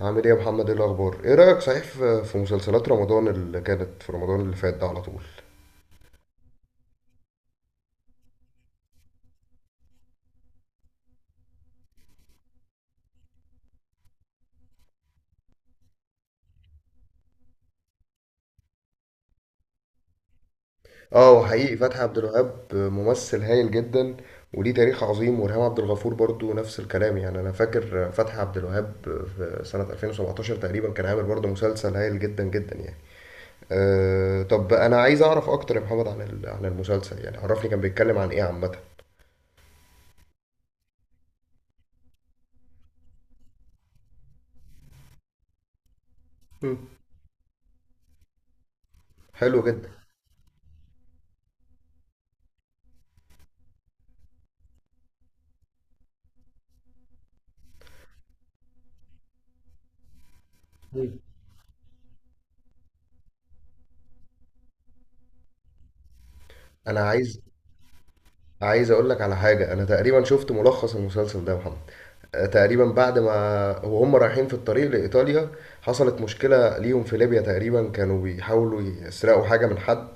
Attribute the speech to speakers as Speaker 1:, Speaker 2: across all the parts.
Speaker 1: عامل ايه يا محمد؟ ايه الاخبار؟ ايه رايك صحيح في مسلسلات رمضان اللي كانت في رمضان اللي فات ده على طول؟ اه، وحقيقي فتحي عبد الوهاب ممثل هايل جدا وليه تاريخ عظيم، وريهام عبد الغفور برضو نفس الكلام، يعني انا فاكر فتحي عبد الوهاب في سنه 2017 تقريبا كان عامل برضو مسلسل هايل جدا جدا يعني. أه، طب انا عايز اعرف اكتر يا محمد عن عن المسلسل، يعني عرفني كان بيتكلم عن ايه عامه. مم. حلو جدا. مم. انا عايز عايز اقول لك على حاجه، انا تقريبا شفت ملخص المسلسل ده يا محمد. تقريبا بعد ما وهم رايحين في الطريق لإيطاليا حصلت مشكلة ليهم في ليبيا، تقريبا كانوا بيحاولوا يسرقوا حاجة من حد،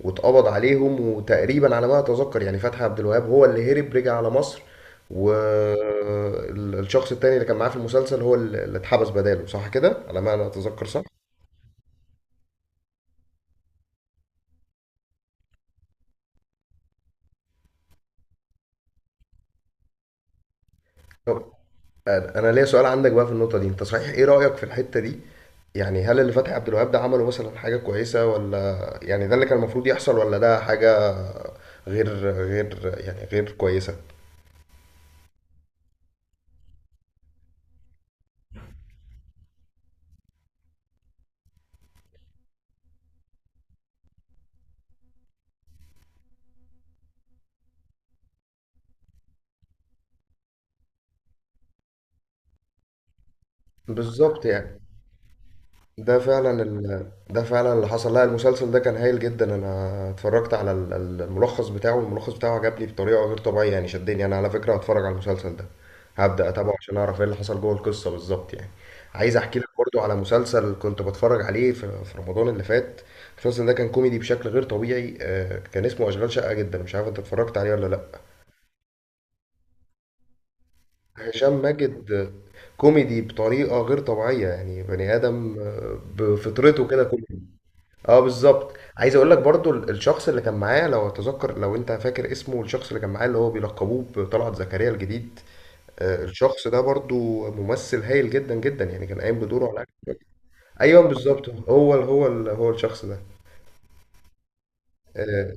Speaker 1: واتقبض عليهم، وتقريبا على ما أتذكر يعني فتحي عبد الوهاب هو اللي هرب رجع على مصر. والشخص التاني اللي كان معاه في المسلسل هو اللي اتحبس بداله، صح كده على ما أنا أتذكر؟ صح. طب أنا ليا سؤال عندك بقى في النقطة دي، أنت صحيح إيه رأيك في الحتة دي؟ يعني هل اللي فتحي عبد الوهاب ده عمله مثلا حاجة كويسة، ولا يعني ده اللي كان المفروض يحصل، ولا ده حاجة غير يعني غير كويسة؟ بالظبط يعني. ده فعلا اللي حصل. لا، المسلسل ده كان هايل جدا، انا اتفرجت على الملخص بتاعه، الملخص بتاعه عجبني بطريقة غير طبيعية يعني، شدني، انا على فكرة هتفرج على المسلسل ده، هبدأ اتابعه عشان اعرف ايه اللي حصل جوه القصة بالظبط يعني. عايز احكي لك برضو على مسلسل كنت بتفرج عليه في رمضان اللي فات. المسلسل ده كان كوميدي بشكل غير طبيعي، كان اسمه اشغال شقة جدا، مش عارف انت اتفرجت عليه ولا لا. هشام ماجد كوميدي بطريقة غير طبيعية، يعني بني آدم بفطرته كده كوميدي. اه بالظبط. عايز اقول لك برضو الشخص اللي كان معاه، لو اتذكر لو انت فاكر اسمه، الشخص اللي كان معاه اللي هو بيلقبوه بطلعت زكريا الجديد، الشخص ده برضو ممثل هايل جدا جدا يعني، كان قايم بدوره على... ايوه بالظبط، هو هو الشخص ده. آه،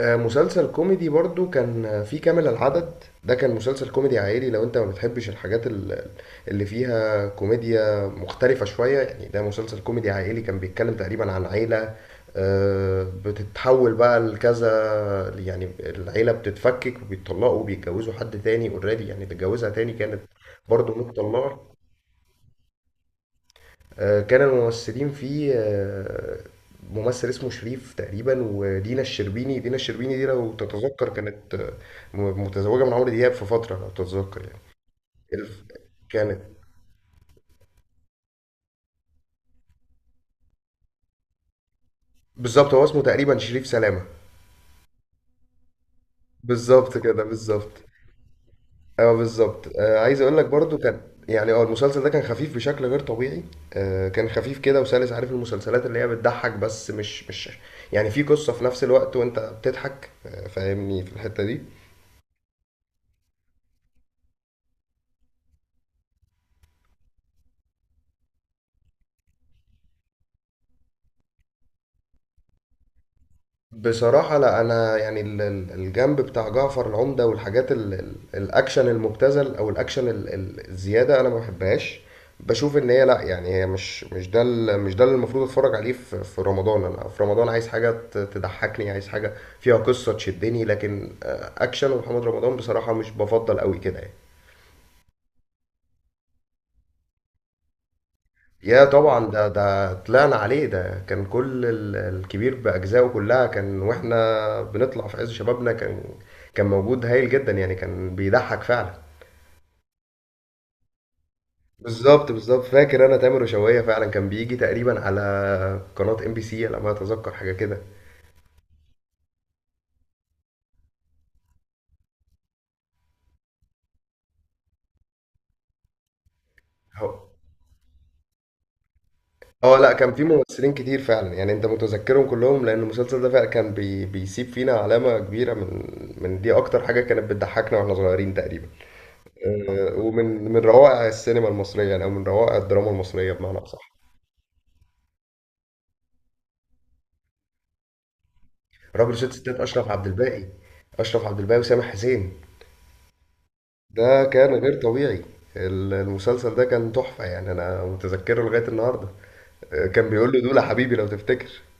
Speaker 1: مسلسل كوميدي برضو كان في كامل العدد. ده كان مسلسل كوميدي عائلي لو انت ما بتحبش الحاجات اللي فيها كوميديا مختلفة شوية يعني. ده مسلسل كوميدي عائلي، كان بيتكلم تقريبا عن عيلة بتتحول بقى لكذا، يعني العيلة بتتفكك، وبيتطلقوا وبيتجوزوا حد تاني اوريدي، يعني اللي اتجوزها تاني كانت برضو متطلقة. كان الممثلين فيه ممثل اسمه شريف تقريبا، ودينا الشربيني. دينا الشربيني دي لو تتذكر كانت متزوجة من عمرو دياب في فترة لو تتذكر يعني. الف- كانت بالظبط، هو اسمه تقريبا شريف سلامة. بالظبط كده بالظبط. اه بالظبط. عايز اقول لك برضو كان يعني اه، المسلسل ده كان خفيف بشكل غير طبيعي، كان خفيف كده وسلس. عارف المسلسلات اللي هي بتضحك بس مش يعني في قصة في نفس الوقت، وانت بتضحك، فاهمني في الحتة دي. بصراحة لا، أنا يعني الجنب بتاع جعفر العمدة والحاجات الأكشن المبتذل، أو الأكشن الزيادة، أنا ما بحبهاش. بشوف إن هي لا، يعني هي مش ده مش ده اللي المفروض أتفرج عليه في في رمضان. أنا في رمضان عايز حاجة تضحكني، عايز حاجة فيها قصة تشدني، لكن أكشن ومحمد رمضان بصراحة مش بفضل قوي كده يعني. يا طبعا، ده طلعنا عليه. ده كان كل الكبير بأجزائه كلها، كان واحنا بنطلع في عز شبابنا، كان كان موجود هايل جدا يعني، كان بيضحك فعلا. بالظبط بالظبط. فاكر انا تامر وشوقية فعلا كان بيجي تقريبا على قناة ام بي سي على ما اتذكر، حاجة كده. هو- اه لا، كان في ممثلين كتير فعلا، يعني انت متذكرهم كلهم لان المسلسل ده فعلا كان بيسيب فينا علامة كبيرة من من، دي اكتر حاجة كانت بتضحكنا واحنا صغيرين تقريبا. ومن من روائع السينما المصريه، يعني او من روائع الدراما المصريه بمعنى اصح. راجل ست ستات، اشرف عبد الباقي. اشرف عبد الباقي وسامح حسين. ده كان غير طبيعي. المسلسل ده كان تحفه يعني، انا متذكره لغايه النهارده. كان بيقول له دول يا حبيبي لو تفتكر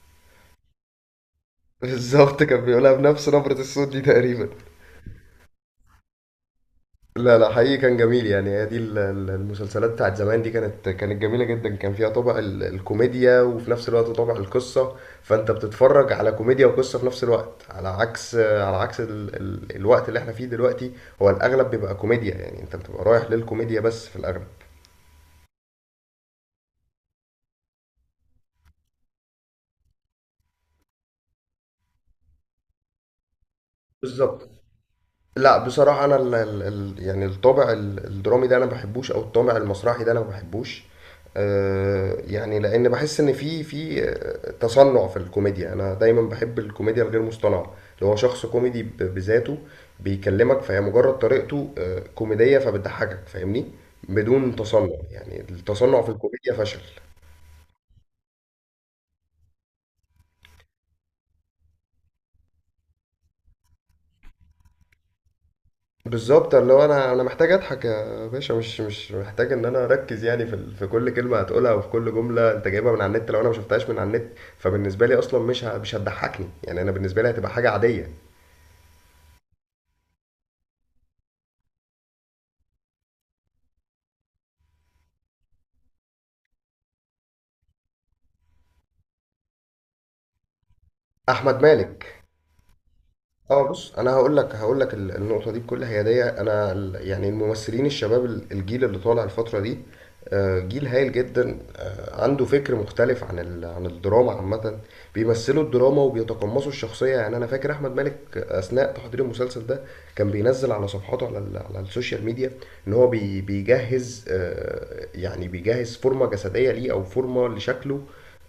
Speaker 1: بالظبط، كان بيقولها بنفس نبره الصوت دي تقريبا. لا لا، حقيقي كان جميل يعني. هي دي المسلسلات بتاعت زمان دي، كانت كانت جميلة جدا، كان فيها طابع الكوميديا وفي نفس الوقت طابع القصة، فانت بتتفرج على كوميديا وقصة في نفس الوقت، على عكس على عكس ال ال الوقت اللي احنا فيه دلوقتي، هو الاغلب بيبقى كوميديا، يعني انت بتبقى رايح للكوميديا بس في الاغلب. بالظبط. لا بصراحة أنا ال ال ال يعني الطابع الدرامي ده أنا ما بحبوش، أو الطابع المسرحي ده أنا ما بحبوش. يعني لأن بحس إن في تصنع في الكوميديا. أنا دايما بحب الكوميديا الغير مصطنعة، اللي هو شخص كوميدي بذاته بيكلمك، فهي مجرد طريقته كوميدية فبتضحكك، فاهمني؟ بدون تصنع، يعني التصنع في الكوميديا فشل. بالظبط، اللي هو انا محتاج اضحك يا باشا، مش محتاج ان انا اركز يعني في في كل كلمه هتقولها، وفي كل جمله انت جايبها من على النت، لو انا ما شفتهاش من على النت فبالنسبه لي اصلا مش هتضحكني يعني، انا بالنسبه لي هتبقى حاجه عاديه. احمد مالك. اه بص، انا هقول لك هقول لك النقطه دي بكل هياديه. انا يعني الممثلين الشباب الجيل اللي طالع الفتره دي جيل هايل جدا، عنده فكر مختلف عن عن الدراما عامه. بيمثلوا الدراما وبيتقمصوا الشخصيه، يعني انا فاكر احمد مالك اثناء تحضير المسلسل ده كان بينزل على صفحاته على على السوشيال ميديا ان هو بيجهز يعني بيجهز فورمه جسديه ليه، او فورمه لشكله،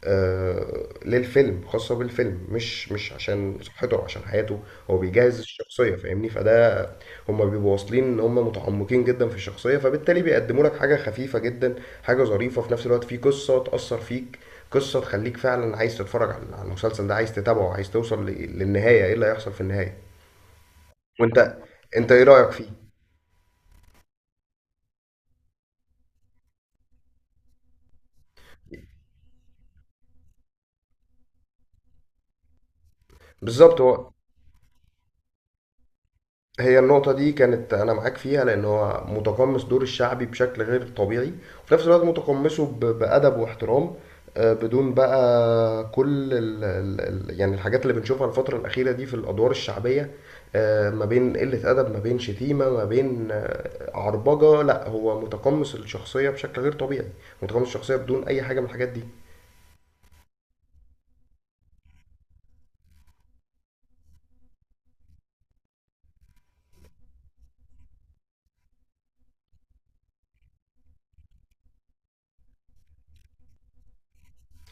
Speaker 1: آه، للفيلم خاصة بالفيلم، مش عشان صحته أو عشان حياته، هو بيجهز الشخصية، فاهمني؟ فده هما بيبقوا واصلين ان هما متعمقين جدا في الشخصية، فبالتالي بيقدموا لك حاجة خفيفة جدا، حاجة ظريفة في نفس الوقت، في قصة تأثر فيك، قصة تخليك فعلا عايز تتفرج على على المسلسل ده، عايز تتابعه، عايز توصل للنهاية ايه اللي هيحصل في النهاية. وانت ايه رأيك فيه؟ بالظبط هو. هي النقطة دي كانت أنا معاك فيها، لأن هو متقمص دور الشعبي بشكل غير طبيعي، وفي نفس الوقت متقمصه بأدب واحترام، بدون بقى كل ال ال ال يعني الحاجات اللي بنشوفها الفترة الأخيرة دي في الأدوار الشعبية، ما بين قلة أدب، ما بين شتيمة، ما بين عربجة. لا، هو متقمص الشخصية بشكل غير طبيعي، متقمص الشخصية بدون أي حاجة من الحاجات دي.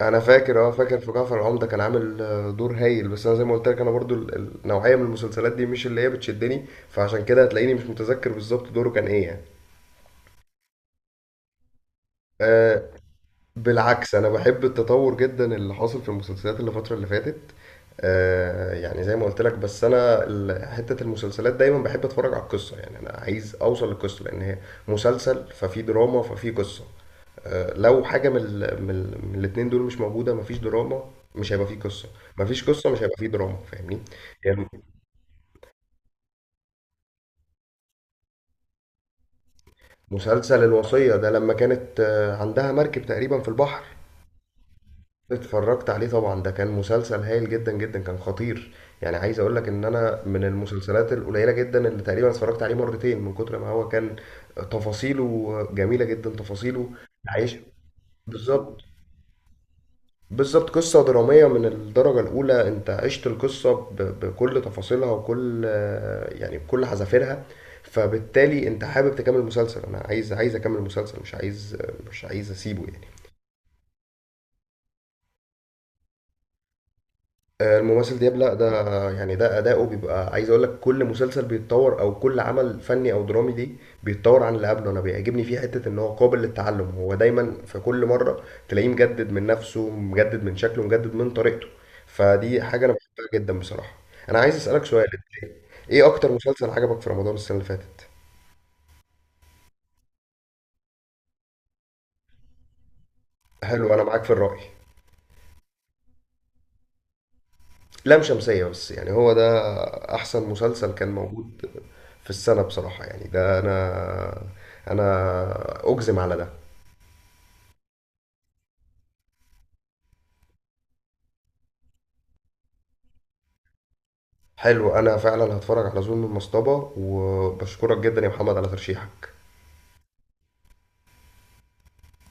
Speaker 1: انا فاكر، اه فاكر، في جعفر العمدة كان عامل دور هايل، بس انا زي ما قلت لك، انا برضو النوعية من المسلسلات دي مش اللي هي بتشدني، فعشان كده هتلاقيني مش متذكر بالظبط دوره كان ايه يعني. أه، بالعكس، انا بحب التطور جدا اللي حاصل في المسلسلات اللي الفترة اللي فاتت. أه يعني زي ما قلت لك، بس انا حتة المسلسلات دايما بحب اتفرج على القصة، يعني انا عايز اوصل للقصة، لان هي مسلسل ففي دراما ففي قصة، لو حاجه من الاتنين دول مش موجوده، مفيش دراما، مش هيبقى فيه قصه، مفيش قصه مش هيبقى فيه دراما، فاهمني؟ يعني. مسلسل الوصيه ده لما كانت عندها مركب تقريبا في البحر. اتفرجت عليه طبعا، ده كان مسلسل هايل جدا جدا، كان خطير يعني. عايز اقول لك ان انا من المسلسلات القليله جدا اللي تقريبا اتفرجت عليه مرتين من كتر ما هو كان تفاصيله جميله جدا. عايش. بالظبط بالظبط. قصة درامية من الدرجة الأولى، أنت عشت القصة بكل تفاصيلها وكل يعني، بكل حذافيرها، فبالتالي أنت حابب تكمل المسلسل. أنا عايز أكمل المسلسل، مش عايز أسيبه يعني. الممثل دياب، لا ده يعني ده أداؤه بيبقى. عايز أقول لك كل مسلسل بيتطور، أو كل عمل فني أو درامي ليه بيتطور عن اللي قبله، أنا بيعجبني فيه حتة إن هو قابل للتعلم، هو دايما في كل مرة تلاقيه مجدد من نفسه، مجدد من شكله، مجدد من طريقته، فدي حاجة أنا بحبها جدا بصراحة. أنا عايز أسألك سؤال، إيه أكتر مسلسل عجبك في رمضان السنة اللي فاتت؟ حلو، أنا معاك في الرأي. لام شمسية، بس يعني هو ده أحسن مسلسل كان موجود في السنة بصراحة، يعني ده أنا أجزم على ده. حلو، أنا فعلا هتفرج على ظلم المصطبة، وبشكرك جدا يا محمد على ترشيحك.